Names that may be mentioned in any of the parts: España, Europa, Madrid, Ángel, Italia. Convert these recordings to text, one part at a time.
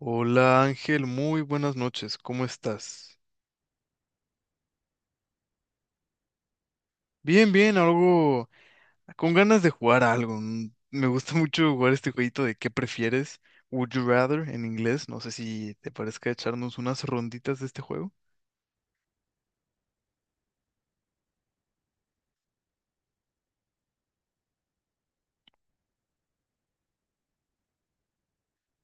Hola Ángel, muy buenas noches, ¿cómo estás? Bien, bien, algo con ganas de jugar a algo. Me gusta mucho jugar este jueguito de ¿qué prefieres? Would you rather en inglés. No sé si te parezca echarnos unas ronditas de este juego.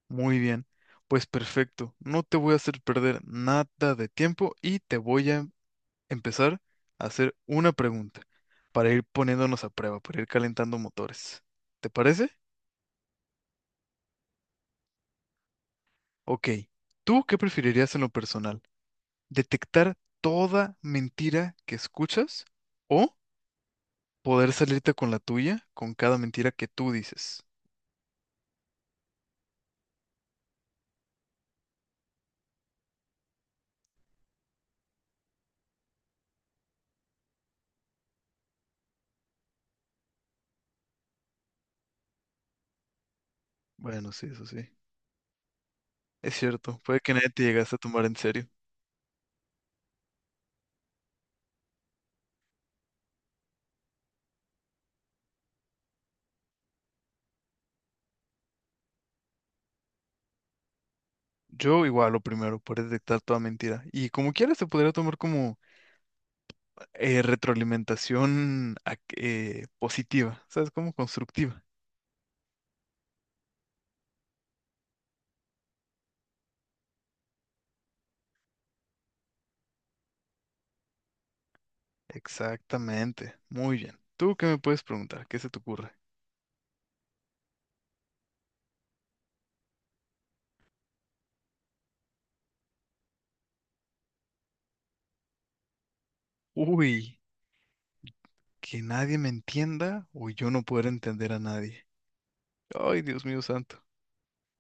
Muy bien, pues perfecto. No te voy a hacer perder nada de tiempo y te voy a empezar a hacer una pregunta para ir poniéndonos a prueba, para ir calentando motores. ¿Te parece? Ok. ¿Tú qué preferirías en lo personal? ¿Detectar toda mentira que escuchas o poder salirte con la tuya con cada mentira que tú dices? Bueno, sí, eso sí. Es cierto, puede que nadie te llegase a tomar en serio. Yo igual lo primero, por detectar toda mentira. Y como quieras, se podría tomar como retroalimentación positiva, ¿sabes? Como constructiva. Exactamente, muy bien. ¿Tú qué me puedes preguntar? ¿Qué se te ocurre? Uy, que nadie me entienda o yo no poder entender a nadie. Ay, Dios mío santo.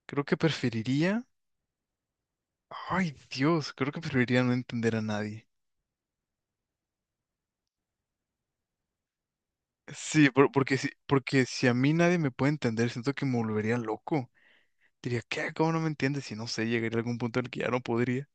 Creo que preferiría. Ay, Dios, creo que preferiría no entender a nadie. Sí, porque si a mí nadie me puede entender, siento que me volvería loco. Diría, ¿qué? ¿Cómo no me entiendes? Y no sé, llegaría a algún punto en el que ya no podría.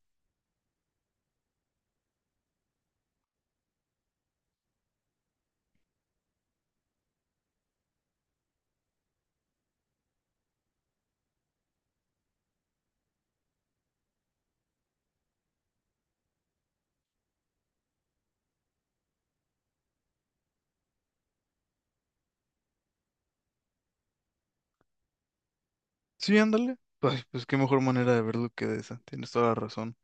Sí, ándale. Pues, pues qué mejor manera de verlo que de esa. Tienes toda la razón.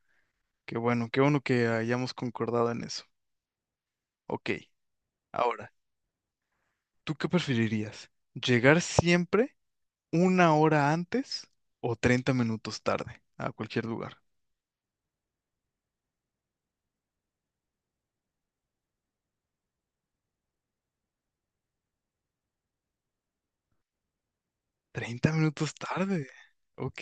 Qué bueno que hayamos concordado en eso. Ok, ahora, ¿tú qué preferirías? ¿Llegar siempre una hora antes o 30 minutos tarde a cualquier lugar? Treinta minutos tarde. Ok.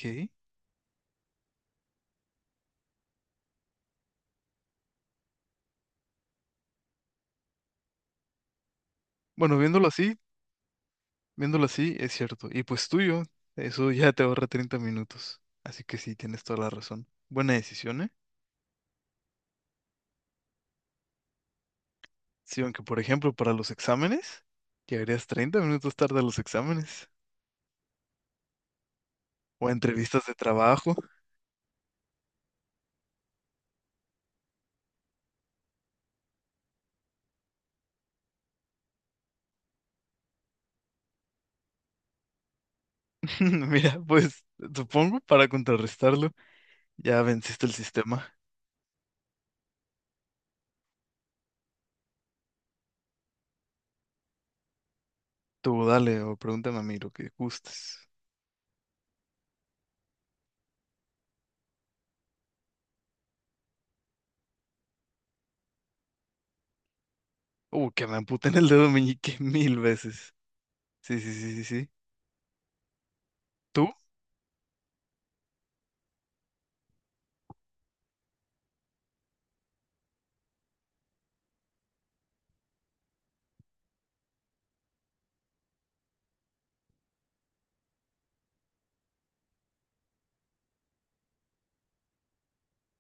Bueno, viéndolo así, es cierto. Y pues tuyo, eso ya te ahorra 30 minutos. Así que sí, tienes toda la razón. Buena decisión, ¿eh? Sí, aunque por ejemplo, para los exámenes, llegarías 30 minutos tarde a los exámenes o a entrevistas de trabajo. Mira, pues supongo para contrarrestarlo. Ya venciste el sistema. Tú dale o pregúntame a mí lo que gustes. Que me amputen el dedo meñique mil veces. Sí, sí, sí, sí, sí. ¿Tú?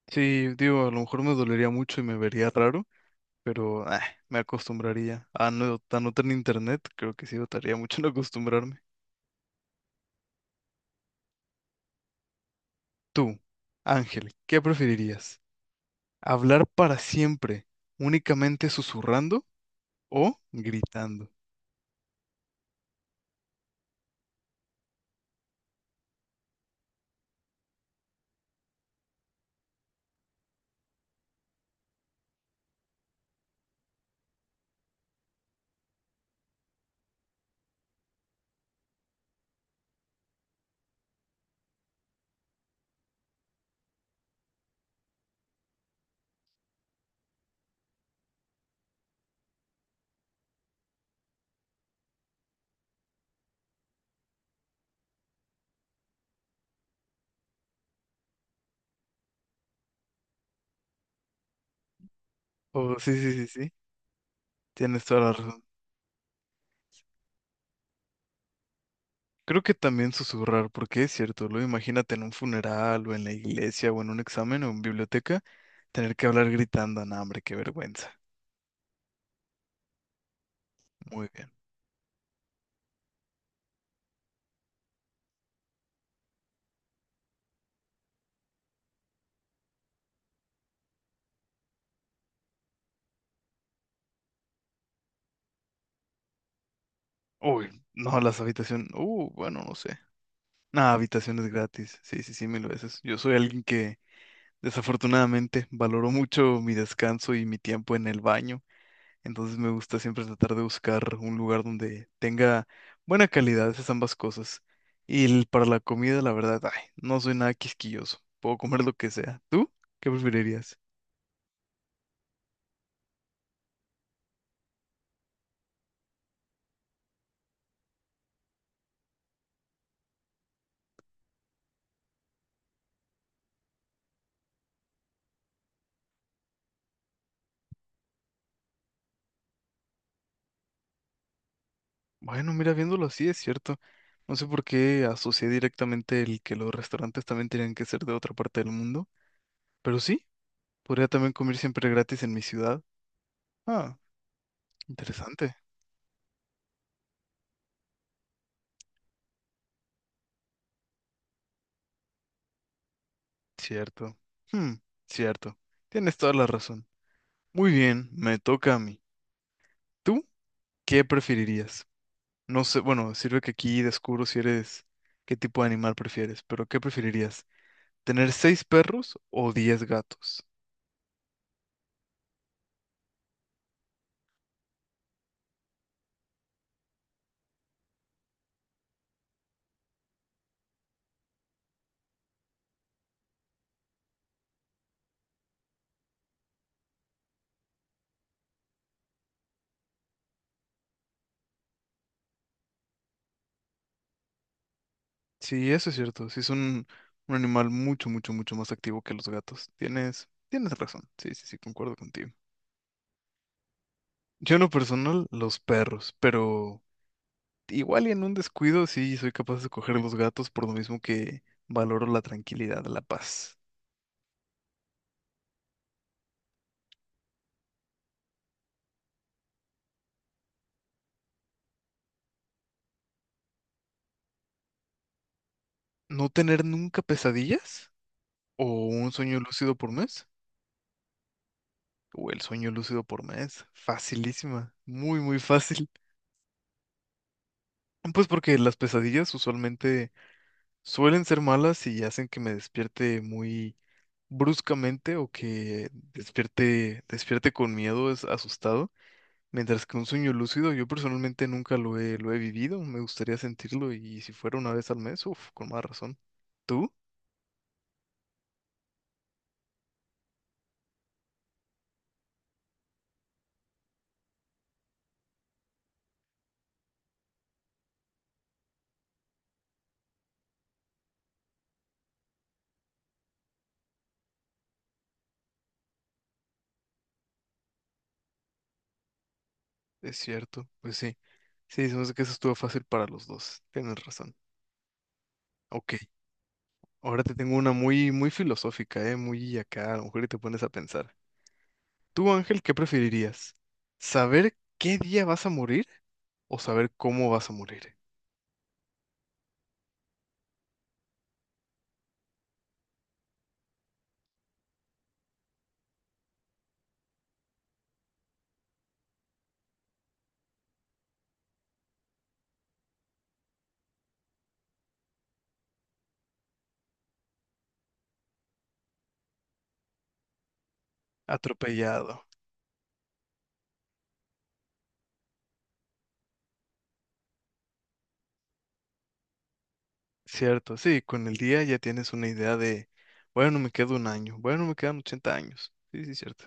Sí, digo, a lo mejor me dolería mucho y me vería raro, pero ah, me acostumbraría. A no tener internet, creo que sí dotaría mucho en acostumbrarme. Tú, Ángel, ¿qué preferirías? ¿Hablar para siempre únicamente susurrando o gritando? Oh, sí, sí, sí, sí. Tienes toda la razón. Creo que también susurrar, porque es cierto, luego imagínate en un funeral o en la iglesia o en un examen o en biblioteca, tener que hablar gritando, no, hombre, qué vergüenza. Muy bien. Uy, no, las habitaciones, bueno, no sé. Nah, habitaciones gratis, sí, sí, sí, mil veces. Yo soy alguien que desafortunadamente valoró mucho mi descanso y mi tiempo en el baño. Entonces me gusta siempre tratar de buscar un lugar donde tenga buena calidad, esas ambas cosas. Y el- para la comida, la verdad, ay, no soy nada quisquilloso. Puedo comer lo que sea. ¿Tú? ¿Qué preferirías? Bueno, mira, viéndolo así, es cierto. No sé por qué asocié directamente el que los restaurantes también tenían que ser de otra parte del mundo. Pero sí, podría también comer siempre gratis en mi ciudad. Ah, interesante. Cierto. Hmm, cierto. Tienes toda la razón. Muy bien, me toca a mí. ¿Tú? ¿Qué preferirías? No sé, bueno, sirve que aquí descubro si eres, qué tipo de animal prefieres, pero ¿qué preferirías? ¿Tener seis perros o 10 gatos? Sí, eso es cierto. Sí, es un animal mucho, mucho, mucho más activo que los gatos. Tienes razón. Sí, sí, sí, concuerdo contigo. Yo en lo personal, los perros, pero igual y en un descuido sí soy capaz de coger los gatos por lo mismo que valoro la tranquilidad, la paz. ¿No tener nunca pesadillas? ¿O un sueño lúcido por mes? O el sueño lúcido por mes. Facilísima. Muy, muy fácil. Pues porque las pesadillas usualmente suelen ser malas y hacen que me despierte muy bruscamente o que despierte con miedo, es asustado. Mientras que un sueño lúcido, yo personalmente nunca lo he vivido. Me gustaría sentirlo y si fuera una vez al mes, uff, con más razón. ¿Tú? Es cierto, pues sí. Sí, se me hace que eso estuvo fácil para los dos. Tienes razón. Ok. Ahora te tengo una muy, muy filosófica, ¿eh? Muy acá, a lo mejor y te pones a pensar. Tú, Ángel, ¿qué preferirías? ¿Saber qué día vas a morir o saber cómo vas a morir? Atropellado. Cierto, sí, con el día ya tienes una idea de, bueno, me quedo un año, bueno, me quedan 80 años. Sí, sí, cierto.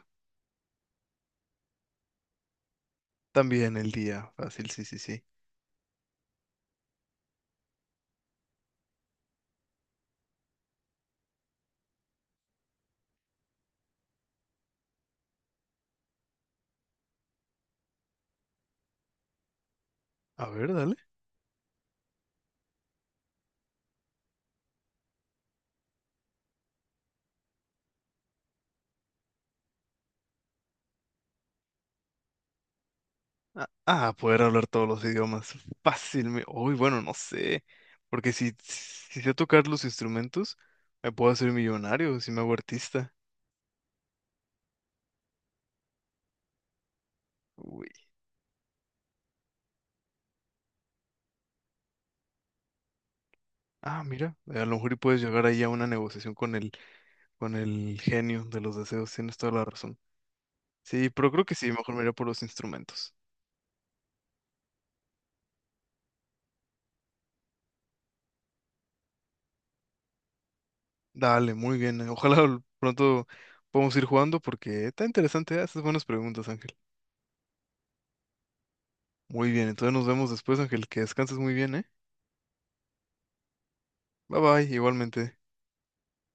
También el día, fácil, sí, sí, sí. A ver, dale. Ah, ah, poder hablar todos los idiomas. Fácilmente. Uy, bueno, no sé. Porque si sé tocar los instrumentos, me puedo hacer millonario si me hago artista. Uy. Ah, mira. A lo mejor y puedes llegar ahí a una negociación con el genio de los deseos. Tienes toda la razón. Sí, pero creo que sí, mejor me iré por los instrumentos. Dale, muy bien. Ojalá pronto podamos ir jugando porque está interesante. ¿Eh? Haces buenas preguntas, Ángel. Muy bien, entonces nos vemos después, Ángel. Que descanses muy bien, ¿eh? Bye bye, igualmente.